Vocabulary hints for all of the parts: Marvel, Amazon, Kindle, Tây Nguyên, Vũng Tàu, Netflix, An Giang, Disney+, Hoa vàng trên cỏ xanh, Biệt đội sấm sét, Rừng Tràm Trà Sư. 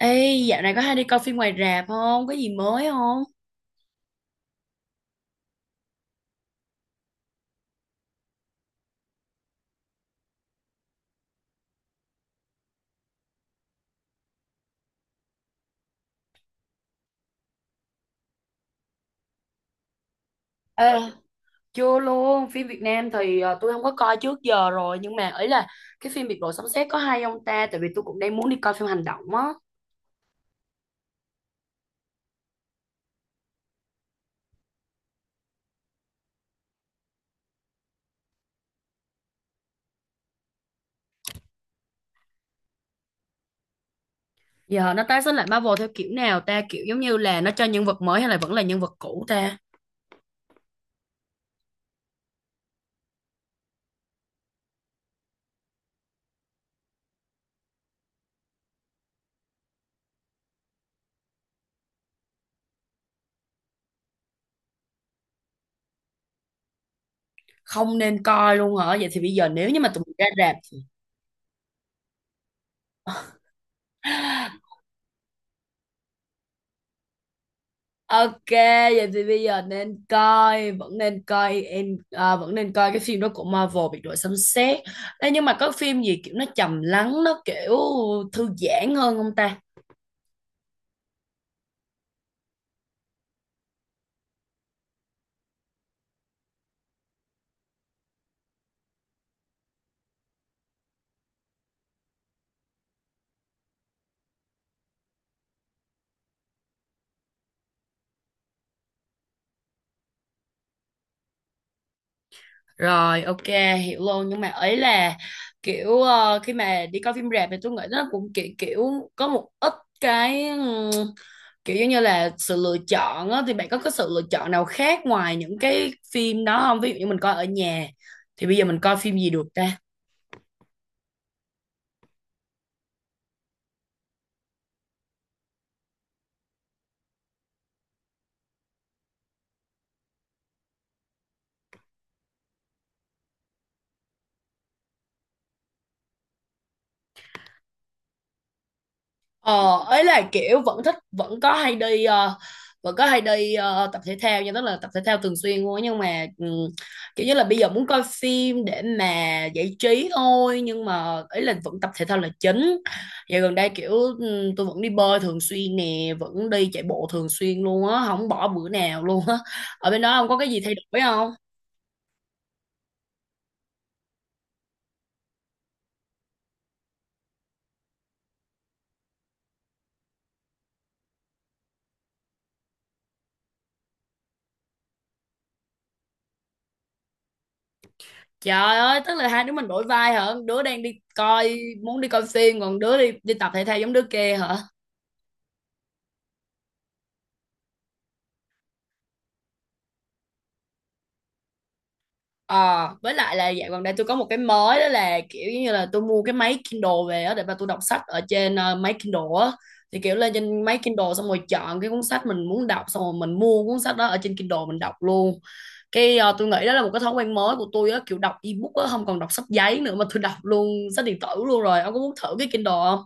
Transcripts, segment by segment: Ê, dạo này có hay đi coi phim ngoài rạp không? Có gì mới không? Ê, chưa luôn. Phim Việt Nam thì tôi không có coi trước giờ rồi, nhưng mà ấy là cái phim Biệt đội sấm sét có hay không ta, tại vì tôi cũng đang muốn đi coi phim hành động á. Giờ nó tái xuất lại Marvel theo kiểu nào ta? Kiểu giống như là nó cho nhân vật mới hay là vẫn là nhân vật cũ ta? Không, nên coi luôn hả? Vậy thì bây giờ nếu như mà tụi mình ra rạp thì... Ok, vậy thì bây giờ nên coi, vẫn nên coi em à, vẫn nên coi cái phim đó của Marvel, biệt đội sấm sét. Ê, nhưng mà có phim gì kiểu nó trầm lắng, nó kiểu thư giãn hơn không ta? Rồi, ok, hiểu luôn. Nhưng mà ấy là kiểu khi mà đi coi phim rạp thì tôi nghĩ nó cũng kiểu kiểu có một ít cái kiểu giống như là sự lựa chọn á, thì bạn có cái sự lựa chọn nào khác ngoài những cái phim đó không? Ví dụ như mình coi ở nhà thì bây giờ mình coi phim gì được ta? Ờ, ấy là kiểu vẫn thích, vẫn có hay đi tập thể thao nha, tức là tập thể thao thường xuyên luôn á, nhưng mà kiểu như là bây giờ muốn coi phim để mà giải trí thôi, nhưng mà ấy là vẫn tập thể thao là chính. Giờ gần đây kiểu tôi vẫn đi bơi thường xuyên nè, vẫn đi chạy bộ thường xuyên luôn á, không bỏ bữa nào luôn á. Ở bên đó không có cái gì thay đổi không? Trời ơi, tức là hai đứa mình đổi vai hả? Đứa đang đi coi muốn đi coi phim, còn đứa đi đi tập thể thao giống đứa kia hả? Ờ, với lại là dạo gần đây tôi có một cái mới, đó là kiểu như là tôi mua cái máy Kindle về á để mà tôi đọc sách ở trên máy Kindle á. Thì kiểu lên trên máy Kindle xong rồi chọn cái cuốn sách mình muốn đọc, xong rồi mình mua cuốn sách đó ở trên Kindle mình đọc luôn. Cái tôi nghĩ đó là một cái thói quen mới của tôi á, kiểu đọc ebook á, không còn đọc sách giấy nữa mà tôi đọc luôn sách điện tử luôn rồi. Ông có muốn thử cái Kindle không?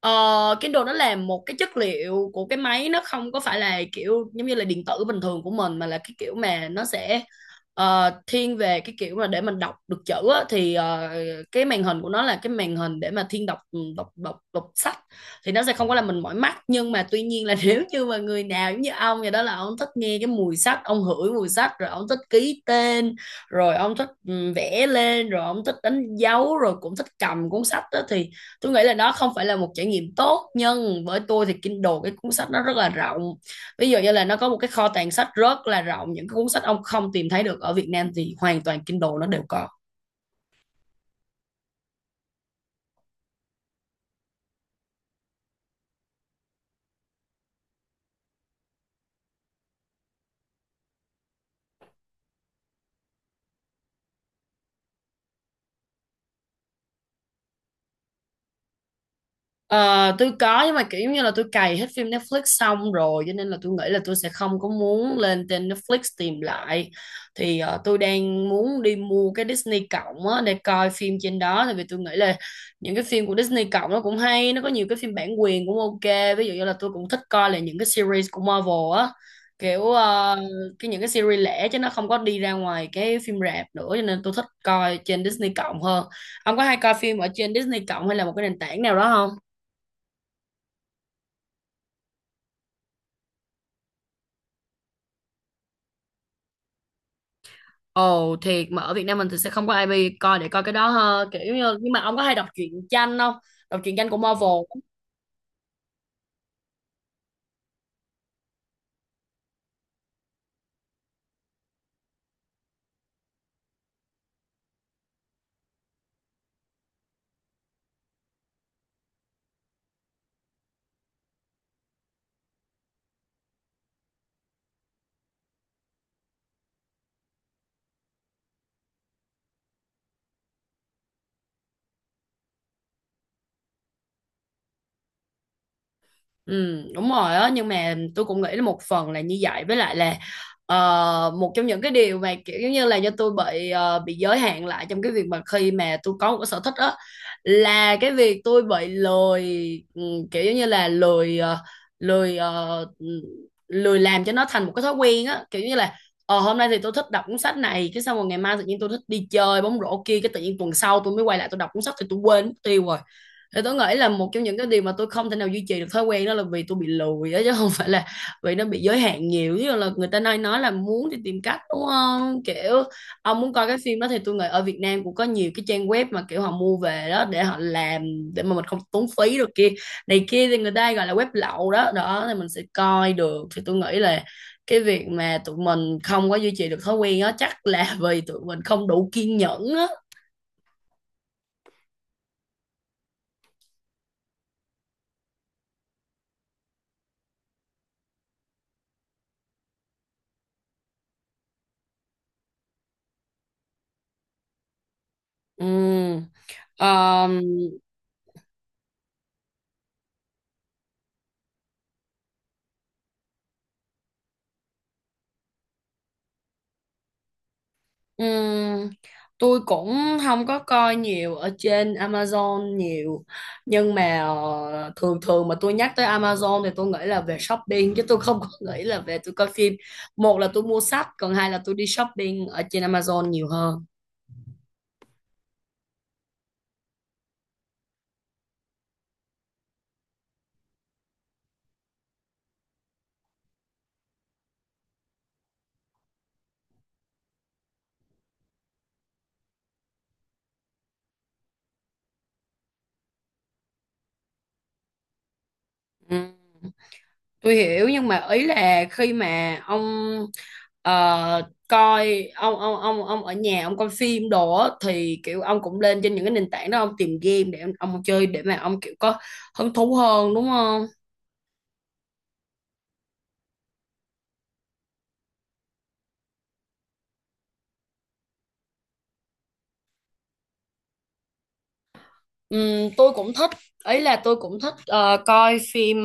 Ờ, Kindle nó là một cái chất liệu của cái máy, nó không có phải là kiểu giống như là điện tử bình thường của mình, mà là cái kiểu mà nó sẽ thiên về cái kiểu mà để mình đọc được chữ á, thì cái màn hình của nó là cái màn hình để mà thiên đọc đọc sách, thì nó sẽ không có làm mình mỏi mắt. Nhưng mà tuy nhiên là nếu như mà người nào giống như ông vậy đó, là ông thích nghe cái mùi sách, ông hửi mùi sách, rồi ông thích ký tên, rồi ông thích vẽ lên, rồi ông thích đánh dấu, rồi cũng thích cầm cuốn sách đó, thì tôi nghĩ là nó không phải là một trải nghiệm tốt. Nhưng với tôi thì Kindle cái cuốn sách nó rất là rộng, ví dụ như là nó có một cái kho tàng sách rất là rộng, những cái cuốn sách ông không tìm thấy được ở Việt Nam thì hoàn toàn Kindle nó đều có. Ờ, tôi có, nhưng mà kiểu như là tôi cày hết phim Netflix xong rồi, cho nên là tôi nghĩ là tôi sẽ không có muốn lên trên Netflix tìm lại. Thì tôi đang muốn đi mua cái Disney cộng á để coi phim trên đó, tại vì tôi nghĩ là những cái phim của Disney cộng nó cũng hay, nó có nhiều cái phim bản quyền cũng ok, ví dụ như là tôi cũng thích coi là những cái series của Marvel á, kiểu cái những cái series lẻ, chứ nó không có đi ra ngoài cái phim rạp nữa, cho nên tôi thích coi trên Disney cộng hơn. Ông có hay coi phim ở trên Disney cộng hay là một cái nền tảng nào đó không? Ồ thiệt, mà ở Việt Nam mình thì sẽ không có ai bi coi để coi cái đó ha, kiểu như nhưng mà ông có hay đọc truyện tranh không? Đọc truyện tranh của Marvel? Ừ, đúng rồi á, nhưng mà tôi cũng nghĩ là một phần là như vậy, với lại là một trong những cái điều mà kiểu giống như là do tôi bị bị giới hạn lại, trong cái việc mà khi mà tôi có một cái sở thích á, là cái việc tôi bị lười. ừ, Kiểu giống như là lười lười ờ, ừ, lười làm cho nó thành một cái thói quen á, kiểu như là ờ hôm nay thì tôi thích đọc cuốn sách này, cái xong rồi ngày mai tự nhiên tôi thích đi chơi bóng rổ kia, cái tự nhiên tuần sau tôi mới quay lại tôi đọc cuốn sách thì tôi quên mất tiêu rồi. Thì tôi nghĩ là một trong những cái điều mà tôi không thể nào duy trì được thói quen đó là vì tôi bị lười á, chứ không phải là vì nó bị giới hạn nhiều. Chứ là người ta nói là muốn thì tìm cách đúng không, kiểu ông muốn coi cái phim đó thì tôi nghĩ ở Việt Nam cũng có nhiều cái trang web mà kiểu họ mua về đó để họ làm, để mà mình không tốn phí được, kia này kia thì người ta gọi là web lậu đó đó, thì mình sẽ coi được. Thì tôi nghĩ là cái việc mà tụi mình không có duy trì được thói quen đó chắc là vì tụi mình không đủ kiên nhẫn á. Ừ. Ờ. Ừm, tôi cũng không có coi nhiều ở trên Amazon nhiều, nhưng mà thường thường mà tôi nhắc tới Amazon thì tôi nghĩ là về shopping, chứ tôi không có nghĩ là về tôi coi phim. Một là tôi mua sách, còn hai là tôi đi shopping ở trên Amazon nhiều hơn. Ừm. Tôi hiểu, nhưng mà ý là khi mà ông ờ, coi ông ông ở nhà ông coi phim đồ á, thì kiểu ông cũng lên trên những cái nền tảng đó ông tìm game để ông chơi để mà ông kiểu có hứng thú hơn đúng không? Tôi cũng thích, ấy là tôi cũng thích coi phim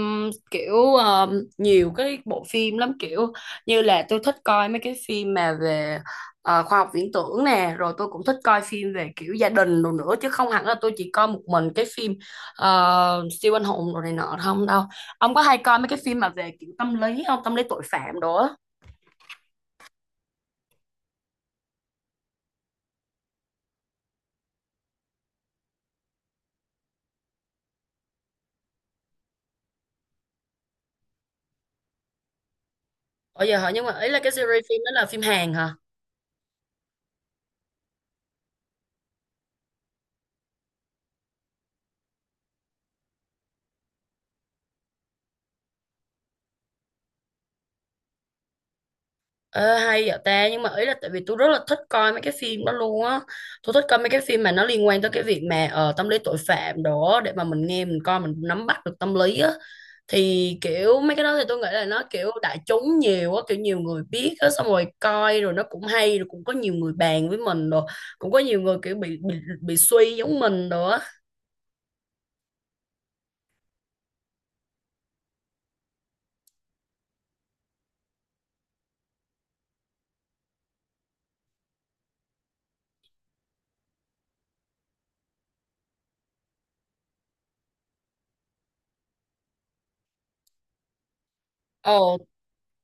kiểu nhiều cái bộ phim lắm, kiểu như là tôi thích coi mấy cái phim mà về khoa học viễn tưởng nè, rồi tôi cũng thích coi phim về kiểu gia đình đồ nữa, chứ không hẳn là tôi chỉ coi một mình cái phim siêu anh hùng đồ này nọ không đâu. Ông có hay coi mấy cái phim mà về kiểu tâm lý không, tâm lý tội phạm đồ á? Bây giờ hỏi, nhưng mà ấy là cái series phim đó là phim Hàn hả? Ờ, hay vậy ta. Nhưng mà ý là tại vì tôi rất là thích coi mấy cái phim đó luôn á, tôi thích coi mấy cái phim mà nó liên quan tới cái việc mà tâm lý tội phạm đó, để mà mình nghe mình coi mình nắm bắt được tâm lý á. Thì kiểu mấy cái đó thì tôi nghĩ là nó kiểu đại chúng nhiều á, kiểu nhiều người biết á, xong rồi coi rồi nó cũng hay, rồi cũng có nhiều người bàn với mình rồi, cũng có nhiều người kiểu bị bị suy giống mình rồi á. Ồ,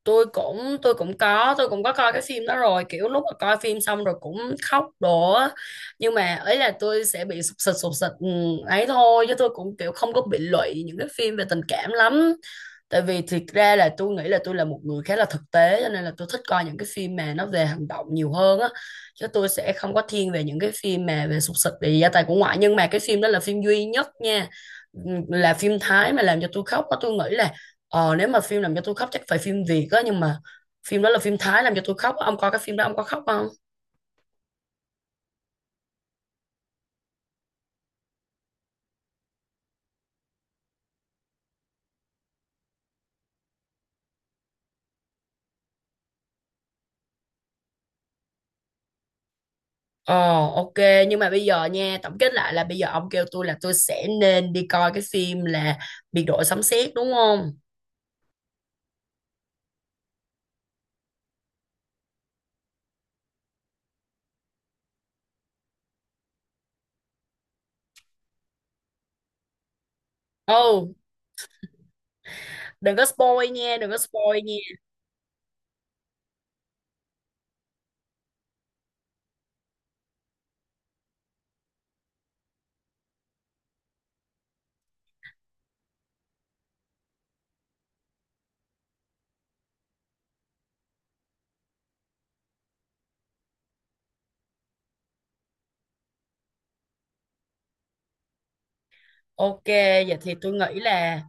tôi cũng có tôi cũng có coi cái phim đó rồi, kiểu lúc mà coi phim xong rồi cũng khóc đổ á. Nhưng mà ấy là tôi sẽ bị sụp sịt ấy thôi, chứ tôi cũng kiểu không có bị lụy những cái phim về tình cảm lắm. Tại vì thiệt ra là tôi nghĩ là tôi là một người khá là thực tế, cho nên là tôi thích coi những cái phim mà nó về hành động nhiều hơn á, chứ tôi sẽ không có thiên về những cái phim mà về sụp sịt, về gia tài của ngoại. Nhưng mà cái phim đó là phim duy nhất nha. Ừ, là phim Thái mà làm cho tôi khóc á, tôi nghĩ là. Ờ, nếu mà phim làm cho tôi khóc chắc phải phim Việt á, nhưng mà phim đó là phim Thái làm cho tôi khóc á. Ông coi cái phim đó ông có khóc không? Ờ, ok. Nhưng mà bây giờ nha, tổng kết lại là bây giờ ông kêu tôi là tôi sẽ nên đi coi cái phim là Biệt đội sấm sét đúng không? Ừ, đừng có spoil nha, đừng có spoil nha. Ok, vậy thì tôi nghĩ là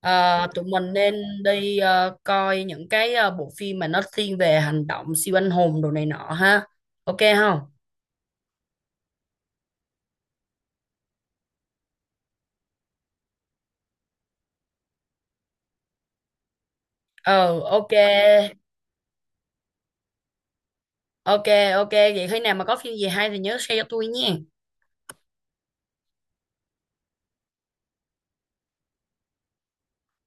tụi mình nên đi coi những cái bộ phim mà nó thiên về hành động siêu anh hùng đồ này nọ ha. Ok không? Ờ ok. Ok, ok vậy khi nào mà có phim gì hay thì nhớ share cho tôi nha.